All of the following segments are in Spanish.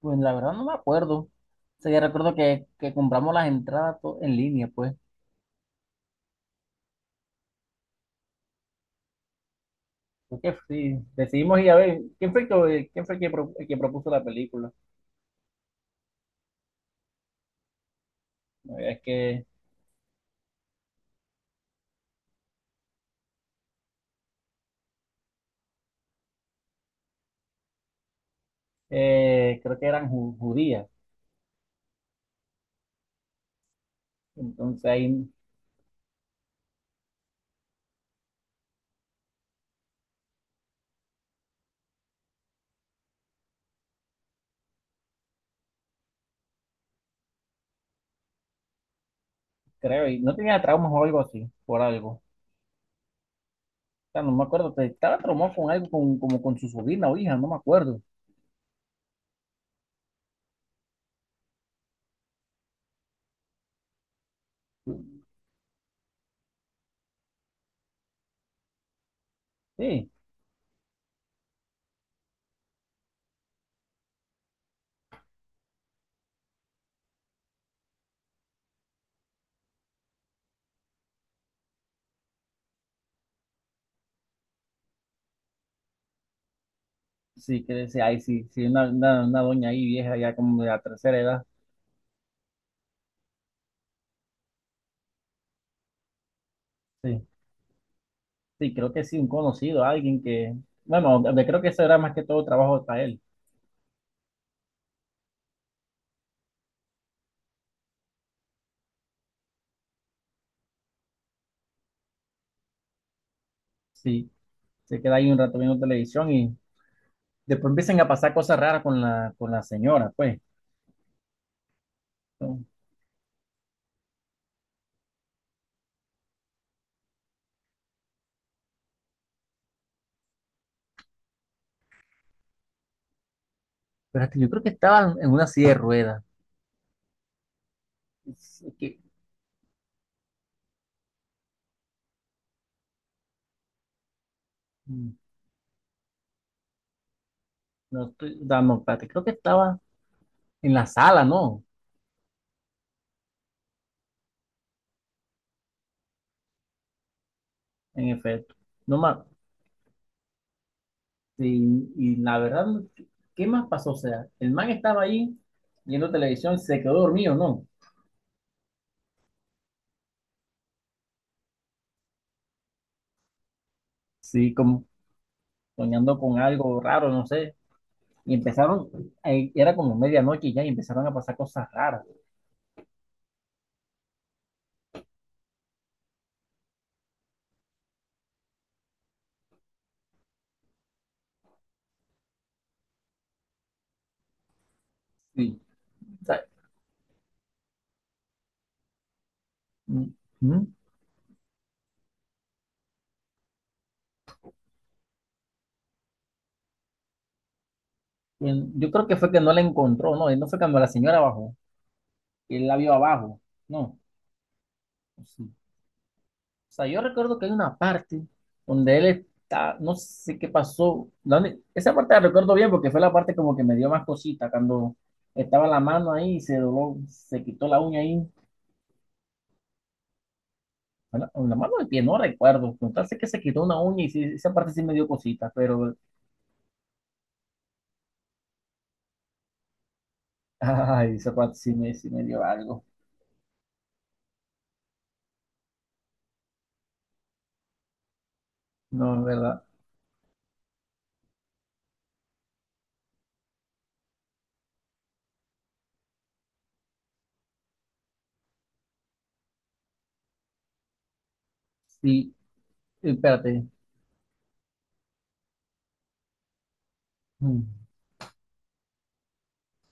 Pues la verdad no me acuerdo. O sea, yo recuerdo que, compramos las entradas en línea, pues. Creo que sí, decidimos ir a ver. ¿Quién fue, que, quién fue el que, el que propuso la película? La verdad es que creo que eran judías. Entonces ahí creo, y no tenía traumas o algo así, por algo. O sea, no me acuerdo, estaba traumado con algo, con, como con su sobrina o hija, no me acuerdo. Sí, sí, que decía, ay, sí, sí, una doña ahí vieja, ya como de la tercera edad. Sí. Sí, creo que sí, un conocido, alguien que, bueno, creo que eso era más que todo trabajo para él. Sí, se queda ahí un rato viendo televisión y después empiezan a pasar cosas raras con la señora, pues. ¿No? Pero hasta yo creo que estaba en una silla de ruedas. Es que, mm, no estoy dando, espérate, creo que estaba en la sala, ¿no? En efecto. No más, sí, y la verdad, ¿qué más pasó? O sea, el man estaba ahí viendo televisión, se quedó dormido, ¿no? Sí, como soñando con algo raro, no sé. Y empezaron, ahí era como medianoche ya, y empezaron a pasar cosas raras. Sí. O sea, mm, mm, y yo creo que fue que no la encontró, no, no fue cuando la señora bajó, que él la vio abajo, no. Pues sí. O sea, yo recuerdo que hay una parte donde él está, no sé qué pasó, esa parte la recuerdo bien porque fue la parte como que me dio más cosita, cuando estaba la mano ahí y se dobló, se quitó la uña ahí. Bueno, la mano del pie, no recuerdo, con tal sé que se quitó una uña y sí, esa parte sí me dio cosita, pero ay, esa parte sí me dio algo. No, es verdad. Sí, espérate. Mm,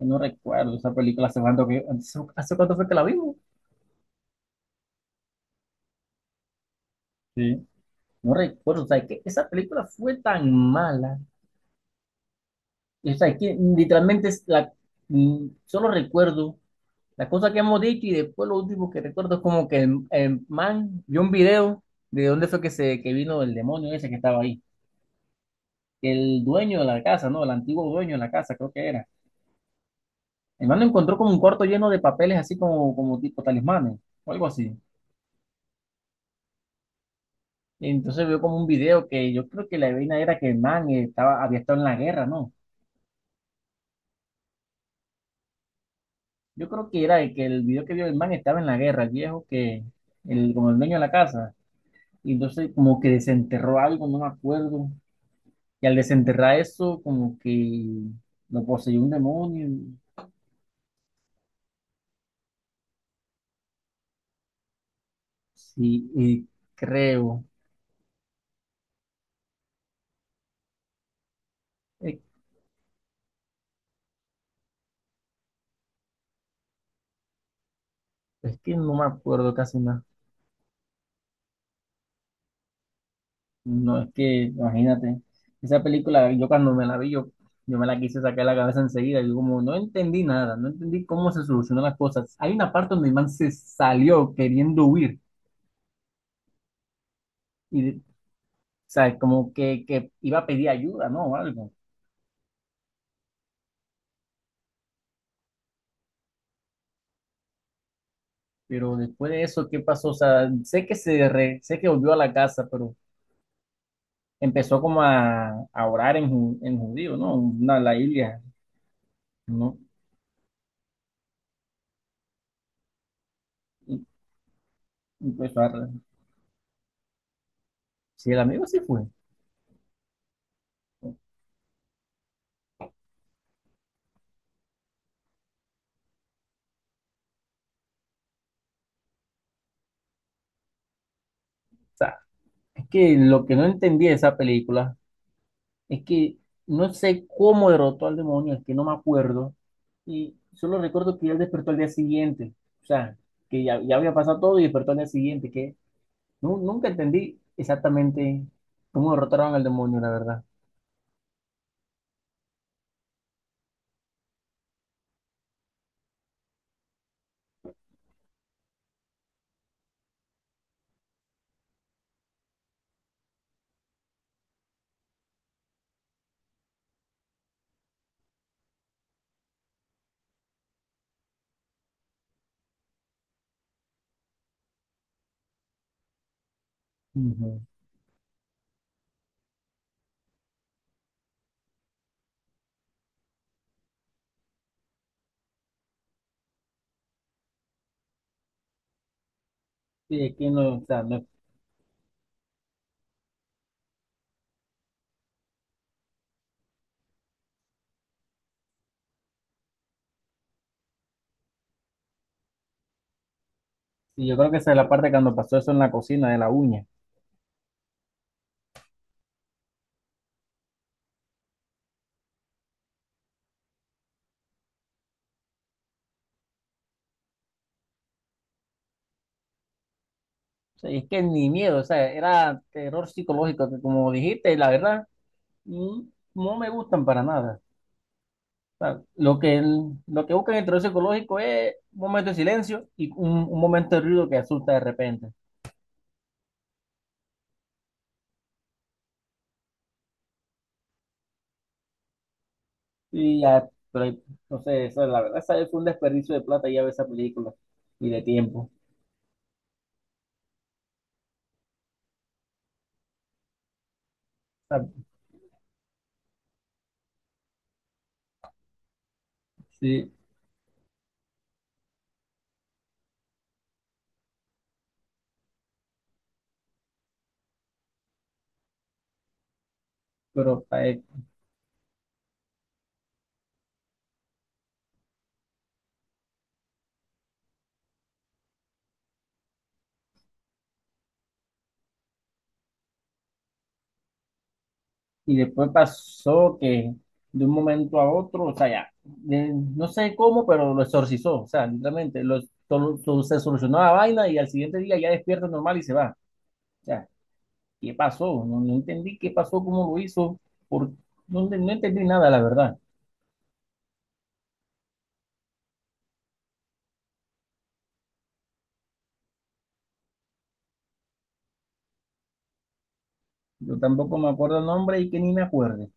No recuerdo esa película hace cuánto que, hace cuánto fue que la vimos. Sí. No recuerdo. O sea, que esa película fue tan mala. O sea, que literalmente es la, solo recuerdo las cosas que hemos dicho y después lo último que recuerdo es como que el man vio un video de dónde fue que se que vino el demonio ese que estaba ahí. El dueño de la casa, ¿no? El antiguo dueño de la casa, creo que era. El mano encontró como un cuarto lleno de papeles así como, como tipo talismanes o algo así. Y entonces vio como un video que yo creo que la vaina era que el man estaba, había estado en la guerra, ¿no? Yo creo que era el que el video que vio el man estaba en la guerra, el viejo que, el, como el dueño de la casa. Y entonces como que desenterró algo, no me acuerdo. Y al desenterrar eso, como que lo poseyó un demonio. Sí, y creo. Es que no me acuerdo casi nada. No es que, imagínate, esa película, yo cuando me la vi, yo me la quise sacar de la cabeza enseguida. Yo como no entendí nada, no entendí cómo se solucionan las cosas. Hay una parte donde el man se salió queriendo huir y, o sea, como que iba a pedir ayuda, ¿no? O algo. Pero después de eso, ¿qué pasó? O sea, sé que sé que volvió a la casa, pero empezó como a orar en, en judío, ¿no? Una, la Biblia, ¿no? Y, y empezó a... re- Si el amigo sí fue. Es que lo que no entendí de esa película es que no sé cómo derrotó al demonio, es que no me acuerdo. Y solo recuerdo que él despertó al día siguiente. O sea, que ya, ya había pasado todo y despertó al día siguiente. Que nunca entendí exactamente cómo derrotaron al demonio, la verdad. Ujú. Sí, es que no, o sea, no- y yo creo que esa es la parte cuando pasó eso en la cocina de la uña. O sea, y es que ni miedo, o sea, era terror psicológico, que como dijiste, la verdad, mm, no me gustan para nada. Sea, lo que, lo que busca en el terror psicológico es un momento de silencio y un momento de ruido que asusta de repente. Y ya, pero no sé, eso, la verdad, esa fue un desperdicio de plata ya ver esa película y de tiempo. O sea, sí, pero y después pasó que de un momento a otro, o sea, ya, de- no sé cómo, pero lo exorcizó, o sea, literalmente, lo, todo se solucionó la vaina y al siguiente día ya despierta normal y se va. Ya. ¿Qué pasó? No, no entendí qué pasó, cómo lo hizo, por, no, no entendí nada, la verdad. Yo tampoco me acuerdo el nombre y que ni me acuerde.